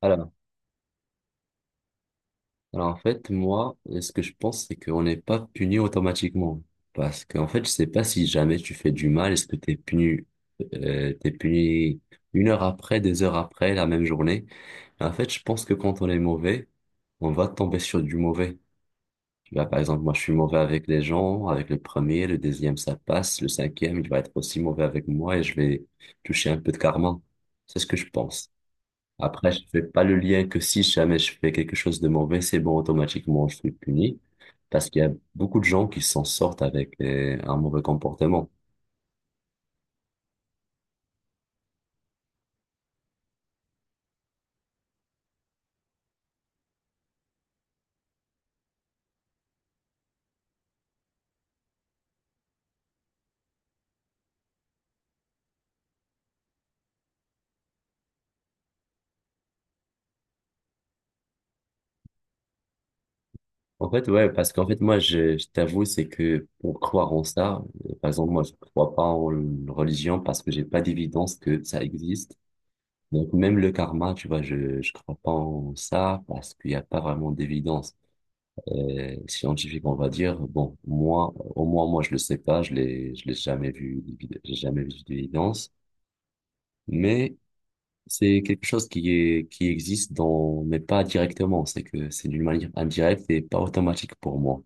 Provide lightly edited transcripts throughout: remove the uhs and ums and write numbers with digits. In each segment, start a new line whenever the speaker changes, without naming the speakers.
Alors, alors, en fait, moi, ce que je pense, c'est qu'on n'est pas puni automatiquement. Parce qu'en fait, je sais pas si jamais tu fais du mal, est-ce que t'es puni 1 heure après, 2 heures après, la même journée. En fait, je pense que quand on est mauvais, on va tomber sur du mauvais. Tu vois, par exemple, moi, je suis mauvais avec les gens, avec le premier, le deuxième, ça passe, le cinquième, il va être aussi mauvais avec moi et je vais toucher un peu de karma. C'est ce que je pense. Après, je fais pas le lien que si jamais je fais quelque chose de mauvais, c'est bon, automatiquement, je suis puni. Parce qu'il y a beaucoup de gens qui s'en sortent avec un mauvais comportement. En fait, ouais, parce qu'en fait, moi, je t'avoue, c'est que pour croire en ça, par exemple, moi, je crois pas en une religion parce que j'ai pas d'évidence que ça existe. Donc, même le karma, tu vois, je crois pas en ça parce qu'il y a pas vraiment d'évidence, scientifique, on va dire. Bon, moi, au moins, moi, je le sais pas, je l'ai jamais vu, j'ai jamais vu d'évidence, mais c'est quelque chose qui est, qui existe dans, mais pas directement, c'est que c'est d'une manière indirecte et pas automatique pour moi.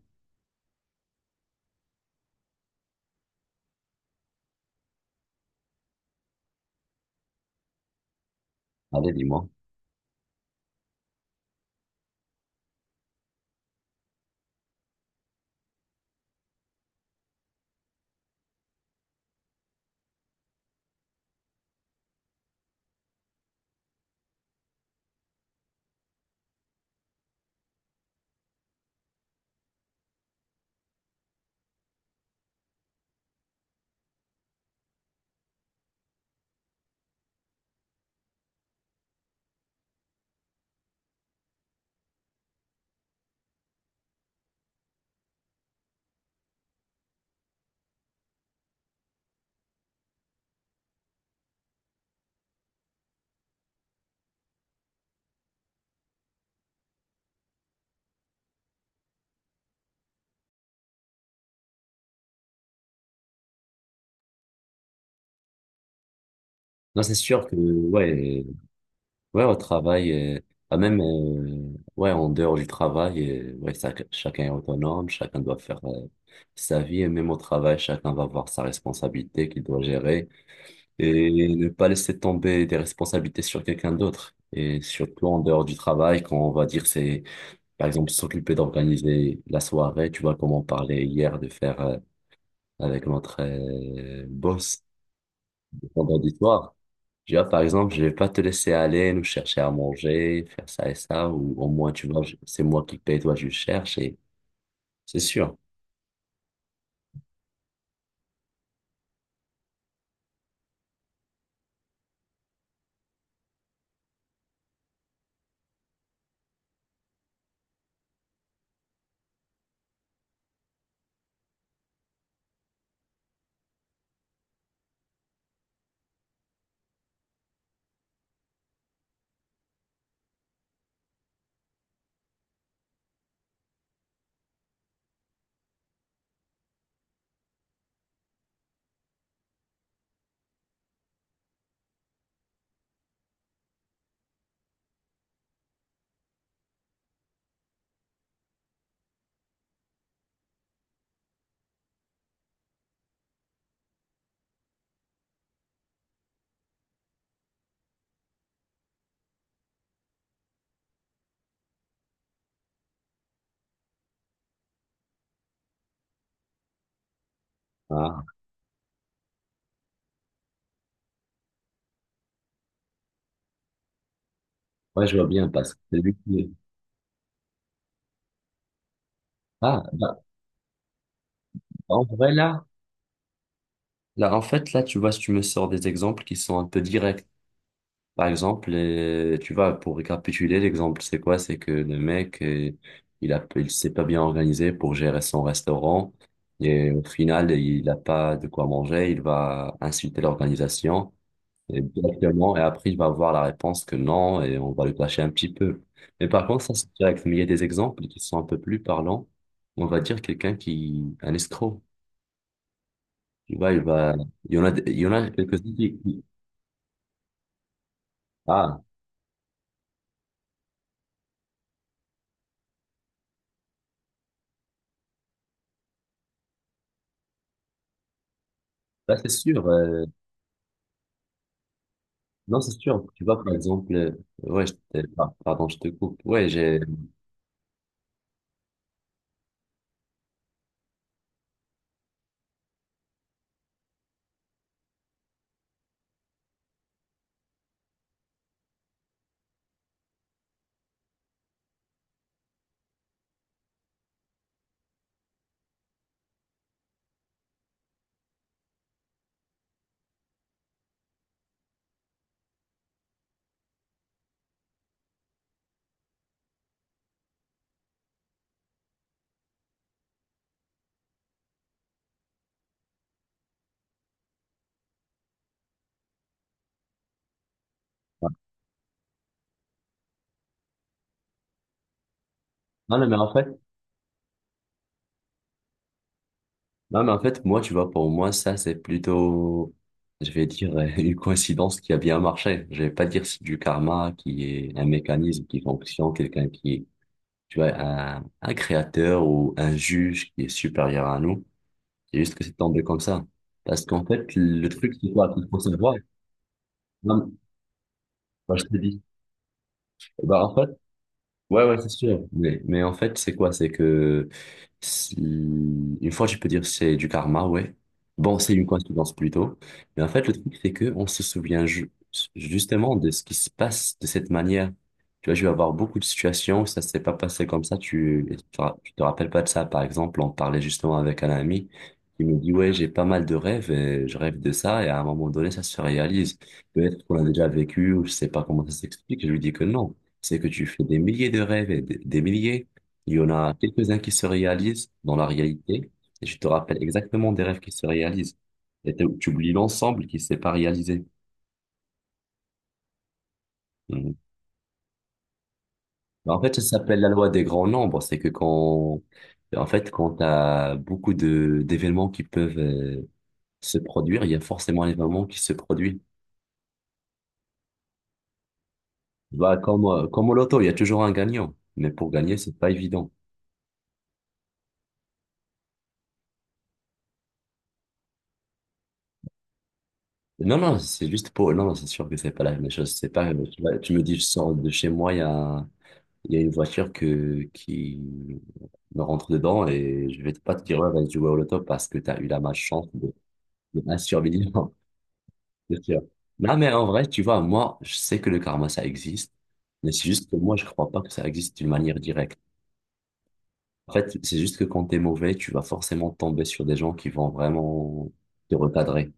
Allez, dis-moi. Non, c'est sûr que, ouais, ouais, au travail, euh, bah, même, ouais, en dehors du travail, ouais, chacun est autonome, chacun doit faire, sa vie, et même au travail, chacun va avoir sa responsabilité qu'il doit gérer. Et ne pas laisser tomber des responsabilités sur quelqu'un d'autre. Et surtout en dehors du travail, quand on va dire c'est, par exemple, s'occuper d'organiser la soirée, tu vois, comme on parlait hier de faire avec notre boss vendredi soir. Tu vois, par exemple, je vais pas te laisser aller, nous chercher à manger, faire ça et ça, ou au moins, tu vois, c'est moi qui paye, toi, je cherche, et c'est sûr. Ah, ouais, je vois bien, parce que c'est lui qui... Ah, bah, en vrai, là, là, en fait, là, tu vois, tu me sors des exemples qui sont un peu directs. Par exemple, tu vois, pour récapituler, l'exemple, c'est quoi? C'est que le mec, il s'est pas bien organisé pour gérer son restaurant et au final, il n'a pas de quoi manger, il va insulter l'organisation et directement et après, il va avoir la réponse que non et on va le clasher un petit peu. Mais par contre, ça, c'est direct. Mais il y a des exemples qui sont un peu plus parlants. On va dire quelqu'un, un escroc. Tu vois, il y en a quelques-uns. Ah, là, c'est sûr. Non, c'est sûr. Tu vois, par exemple, ouais, pardon, je te coupe. Ouais, j'ai. Ah, non, non, mais en fait, moi, tu vois, pour moi, ça, c'est plutôt, je vais dire, une coïncidence qui a bien marché. Je vais pas dire c'est du karma qui est un mécanisme qui fonctionne, quelqu'un qui est, tu vois, un créateur ou un juge qui est supérieur à nous. C'est juste que c'est tombé comme ça. Parce qu'en fait, le truc, c'est quoi? Il faut savoir. Non, bah, je te dis. Bah, en fait, ouais, ouais, c'est sûr. Mais en fait, c'est quoi? C'est que une fois, je peux dire c'est du karma, ouais. Bon, c'est une coïncidence plutôt. Mais en fait, le truc, c'est que on se souvient justement de ce qui se passe de cette manière. Tu vois, je vais avoir beaucoup de situations où ça s'est pas passé comme ça. Tu te rappelles pas de ça. Par exemple, on parlait justement avec un ami qui me dit, ouais, j'ai pas mal de rêves et je rêve de ça. Et à un moment donné, ça se réalise. Peut-être qu'on l'a déjà vécu ou je sais pas comment ça s'explique. Je lui dis que non, c'est que tu fais des milliers de rêves et des milliers. Il y en a quelques-uns qui se réalisent dans la réalité et tu te rappelles exactement des rêves qui se réalisent. Et tu oublies l'ensemble qui ne s'est pas réalisé. Mhm. En fait, ça s'appelle la loi des grands nombres. C'est que quand, en fait, quand tu as beaucoup de d'événements qui peuvent se produire, il y a forcément un événement qui se produit. Bah, comme au loto, il y a toujours un gagnant. Mais pour gagner, c'est pas évident. Non, non, c'est juste pour... Non, non, c'est sûr que c'est pas la même chose. C'est pas... Tu vois, tu me dis, je sors de chez moi, il y a... Il y a une voiture que... qui me rentre dedans et je vais pas te dire, ouais, vas-y jouer au loto parce que tu as eu la malchance de un survivant. C'est sûr. Non, mais en vrai, tu vois, moi, je sais que le karma, ça existe. Mais c'est juste que moi, je crois pas que ça existe d'une manière directe. En fait, c'est juste que quand t'es mauvais, tu vas forcément tomber sur des gens qui vont vraiment te recadrer.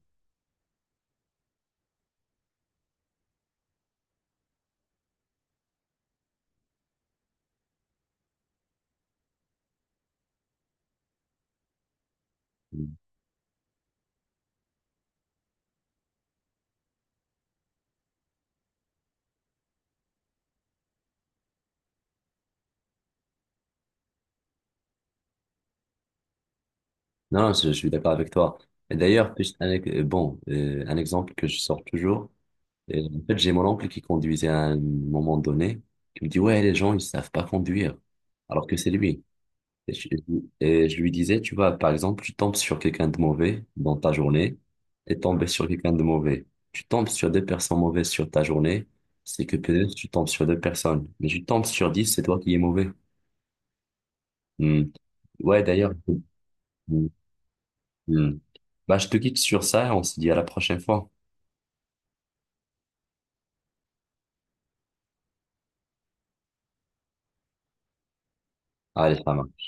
Non, non, je suis d'accord avec toi. Et d'ailleurs, juste un exemple que je sors toujours. En fait, j'ai mon oncle qui conduisait à un moment donné, qui me dit, ouais, les gens, ils savent pas conduire, alors que c'est lui. Et je, et je lui disais, tu vois, par exemple, tu tombes sur quelqu'un de mauvais dans ta journée et tombes sur quelqu'un de mauvais. Tu tombes sur deux personnes mauvaises sur ta journée, c'est que peut-être tu tombes sur deux personnes. Mais tu tombes sur 10, c'est toi qui es mauvais. Hmm. Ouais, d'ailleurs. Hmm. Bah, je te quitte sur ça et on se dit à la prochaine fois. Allez, ça marche.